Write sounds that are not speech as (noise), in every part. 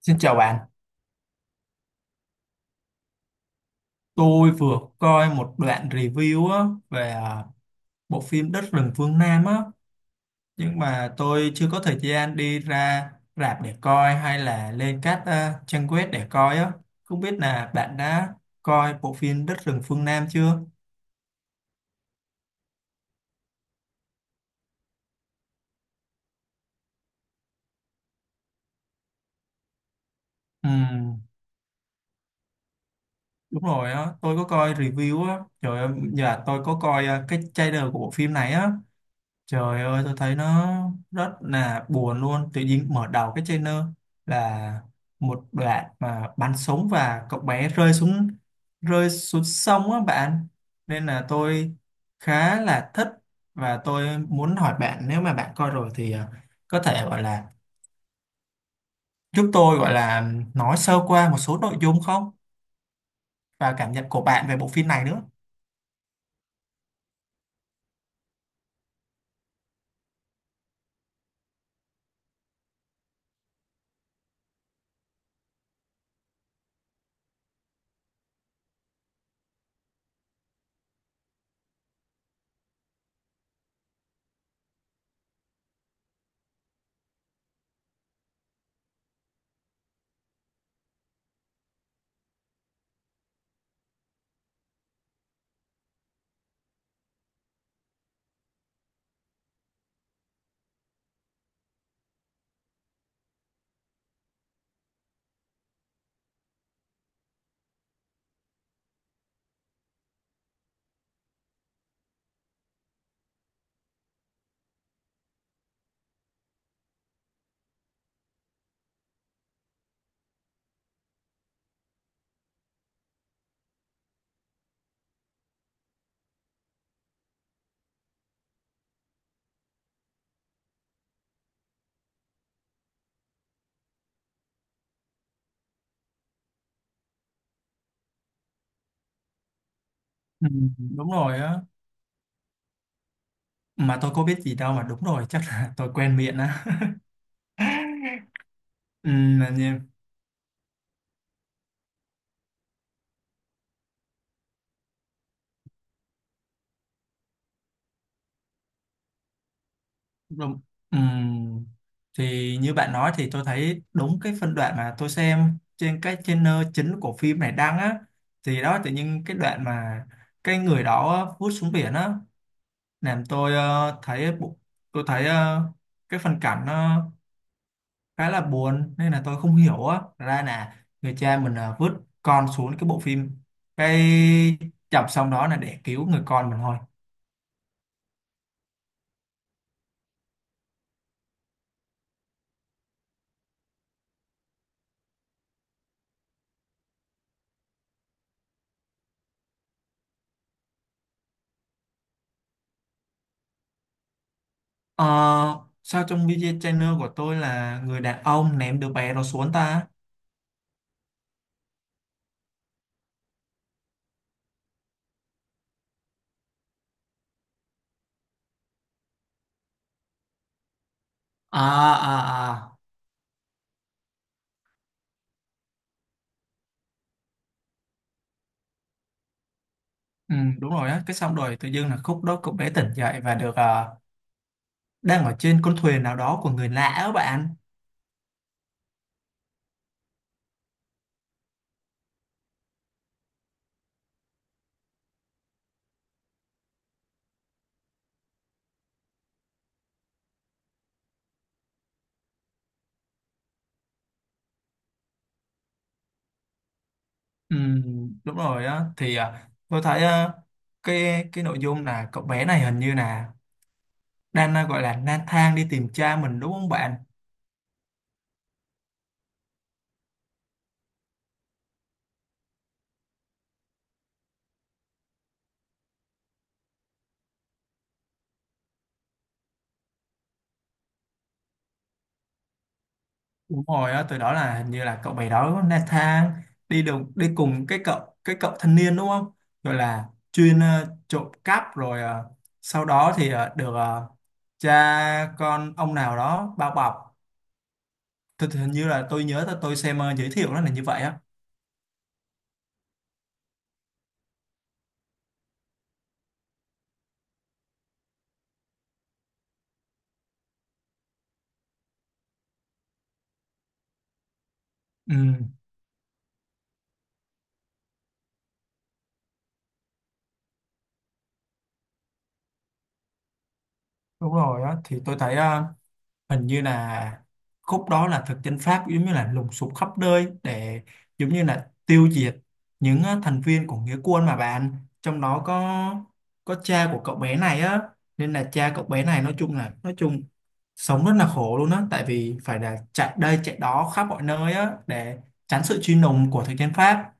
Xin chào bạn, tôi vừa coi một đoạn review á, về bộ phim Đất rừng phương Nam á, nhưng mà tôi chưa có thời gian đi ra rạp để coi hay là lên các trang web để coi á. Không biết là bạn đã coi bộ phim Đất rừng phương Nam chưa? Ừm, đúng rồi á, tôi có coi review á, trời ơi, giờ tôi có coi cái trailer của bộ phim này á. Trời ơi, tôi thấy nó rất là buồn luôn. Tự nhiên mở đầu cái trailer là một đoạn mà bắn súng và cậu bé rơi xuống sông á bạn. Nên là tôi khá là thích và tôi muốn hỏi bạn nếu mà bạn coi rồi thì có thể gọi là giúp tôi gọi là nói sơ qua một số nội dung không và cảm nhận của bạn về bộ phim này nữa. Ừ, đúng rồi á. Mà tôi có biết gì đâu mà đúng rồi, chắc là tôi quen miệng á. (laughs) Ừ. Đúng. Ừm. Thì như bạn nói thì tôi thấy đúng cái phân đoạn mà tôi xem trên cái channel chính của phim này đăng á thì đó tự nhiên cái đoạn mà cái người đó vút xuống biển á làm tôi thấy tôi thấy cái phân cảnh nó khá là buồn nên là tôi không hiểu á ra là người cha mình vứt con xuống cái bộ phim cái chập xong đó là để cứu người con mình thôi. Ờ, sao trong video channel của tôi là người đàn ông ném đứa bé đó xuống ta? à à. Ừ, đúng rồi á, cái xong rồi tự dưng là khúc đó cậu bé tỉnh dậy và được đang ở trên con thuyền nào đó của người lạ á bạn. Ừ, đúng rồi á, thì tôi thấy cái nội dung là cậu bé này hình như là đang gọi là lang thang đi tìm cha mình đúng không bạn? Đúng rồi á, từ đó là hình như là cậu bé đó Nathan đi đồng đi cùng cái cậu thanh niên đúng không? Rồi là chuyên trộm cắp rồi sau đó thì được cha con ông nào đó bao bọc. Thì hình như là tôi nhớ tôi xem giới thiệu nó là như vậy á. Ừ, đúng rồi á, thì tôi thấy hình như là khúc đó là thực dân Pháp giống như là lùng sục khắp nơi để giống như là tiêu diệt những thành viên của nghĩa quân mà bạn, trong đó có cha của cậu bé này á, nên là cha cậu bé này nói chung là nói chung sống rất là khổ luôn á tại vì phải là chạy đây chạy đó khắp mọi nơi á để tránh sự truy lùng của thực dân Pháp.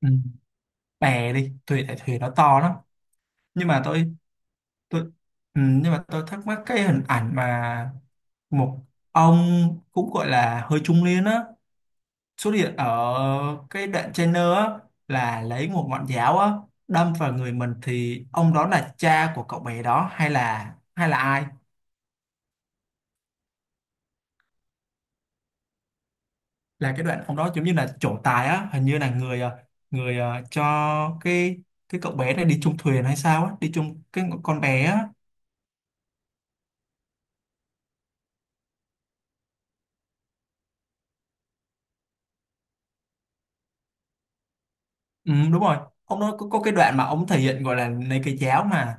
Ừ. Bè đi thuyền tại thuyền nó to lắm, nhưng mà tôi ừ, nhưng mà tôi thắc mắc cái hình ảnh mà một ông cũng gọi là hơi trung niên á xuất hiện ở cái đoạn trainer á là lấy một ngọn giáo á đâm vào người mình thì ông đó là cha của cậu bé đó hay là ai. Là cái đoạn ông đó giống như là trổ tài á hình như là người cho cái cái cậu bé này đi chung thuyền hay sao á, đi chung cái con bé á. Ừ, đúng rồi, ông đó có cái đoạn mà ông thể hiện gọi là lấy cái giáo mà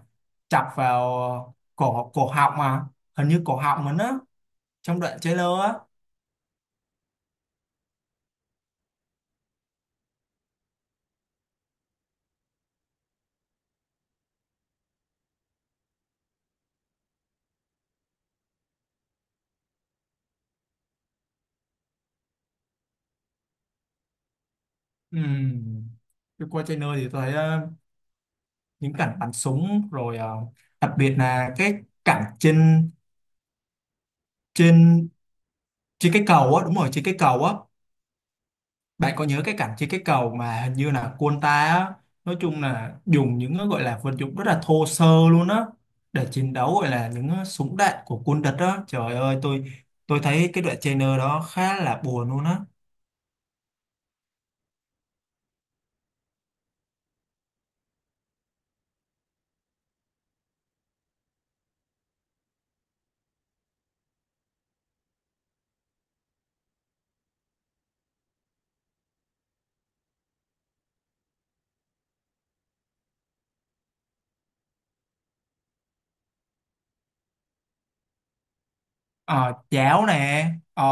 chọc vào cổ cổ họng mà hình như cổ họng mình á, trong đoạn trailer á. Ừm, tôi qua trailer thì tôi thấy những cảnh bắn súng rồi đặc biệt là cái cảnh trên trên trên cái cầu á, đúng rồi, trên cái cầu á. Bạn có nhớ cái cảnh trên cái cầu mà hình như là quân ta á nói chung là dùng những cái gọi là vật dụng rất là thô sơ luôn á để chiến đấu gọi là những súng đạn của quân địch á, trời ơi, tôi thấy cái đoạn trailer đó khá là buồn luôn á. Ờ, Chảo nè,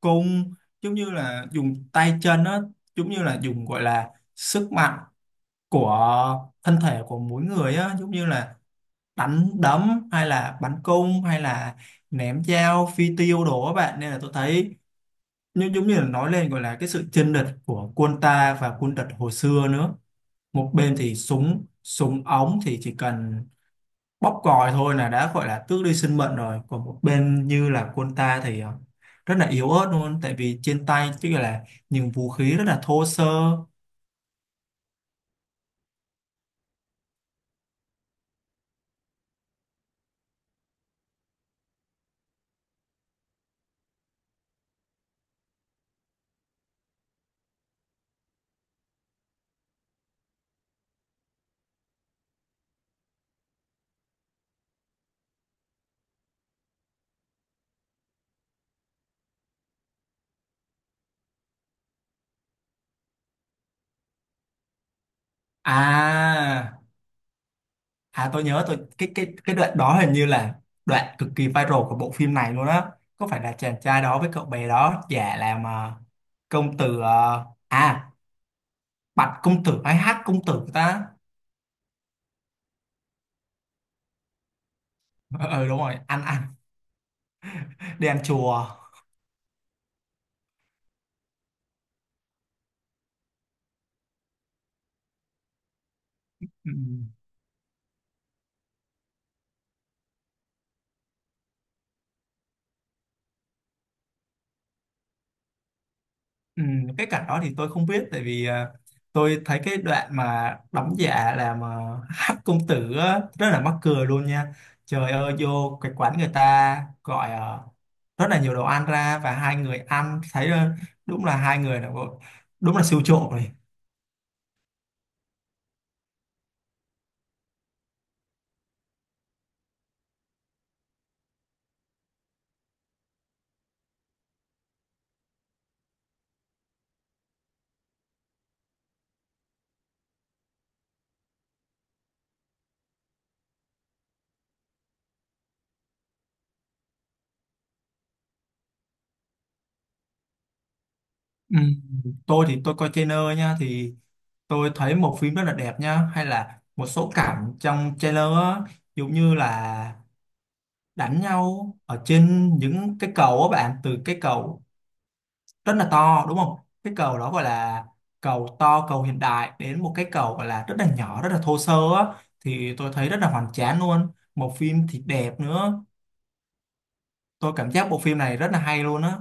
cung giống như là dùng tay chân á, giống như là dùng gọi là sức mạnh của thân thể của mỗi người á, giống như là đánh đấm hay là bắn cung hay là ném dao phi tiêu đồ á bạn, nên là tôi thấy như giống như là nói lên gọi là cái sự chênh lệch của quân ta và quân địch hồi xưa nữa. Một bên thì súng súng ống thì chỉ cần bóp còi thôi là đã gọi là tước đi sinh mệnh rồi, còn một bên như là quân ta thì rất là yếu ớt luôn tại vì trên tay chứ là những vũ khí rất là thô sơ. À à tôi nhớ tôi cái đoạn đó hình như là đoạn cực kỳ viral của bộ phim này luôn á. Có phải là chàng trai đó với cậu bé đó giả làm công tử, bạch công tử hay hát công tử ta. Ờ ừ, đúng rồi, ăn ăn đi ăn chùa. Ừ. Ừ, cái cảnh đó thì tôi không biết tại vì tôi thấy cái đoạn mà đóng giả làm hắc công tử á, rất là mắc cười luôn nha. Trời ơi, vô cái quán người ta gọi rất là nhiều đồ ăn ra và hai người ăn thấy đúng là hai người là đúng là siêu trộm rồi. Ừ. Tôi thì tôi coi trailer nha thì tôi thấy một phim rất là đẹp nha, hay là một số cảnh trong trailer á, giống như là đánh nhau ở trên những cái cầu á bạn, từ cái cầu rất là to đúng không, cái cầu đó gọi là cầu to, cầu hiện đại đến một cái cầu gọi là rất là nhỏ rất là thô sơ á, thì tôi thấy rất là hoành tráng luôn, một phim thì đẹp nữa. Tôi cảm giác bộ phim này rất là hay luôn á.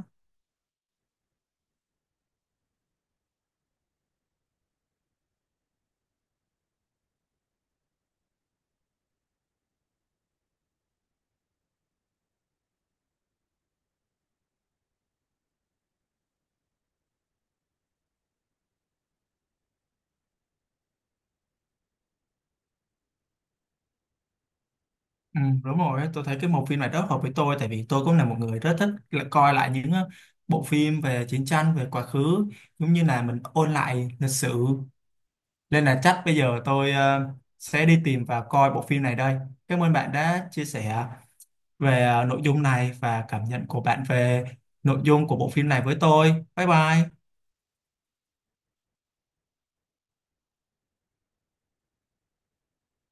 Ừ, đúng rồi, tôi thấy cái bộ phim này rất hợp với tôi tại vì tôi cũng là một người rất thích là coi lại những ờ, bộ phim về chiến tranh về quá khứ, giống như là mình ôn lại lịch sử, nên là chắc bây giờ tôi sẽ đi tìm và coi bộ phim này đây. Cảm ơn bạn đã chia sẻ về nội dung này và cảm nhận của bạn về nội dung của bộ phim này với tôi. Bye bye.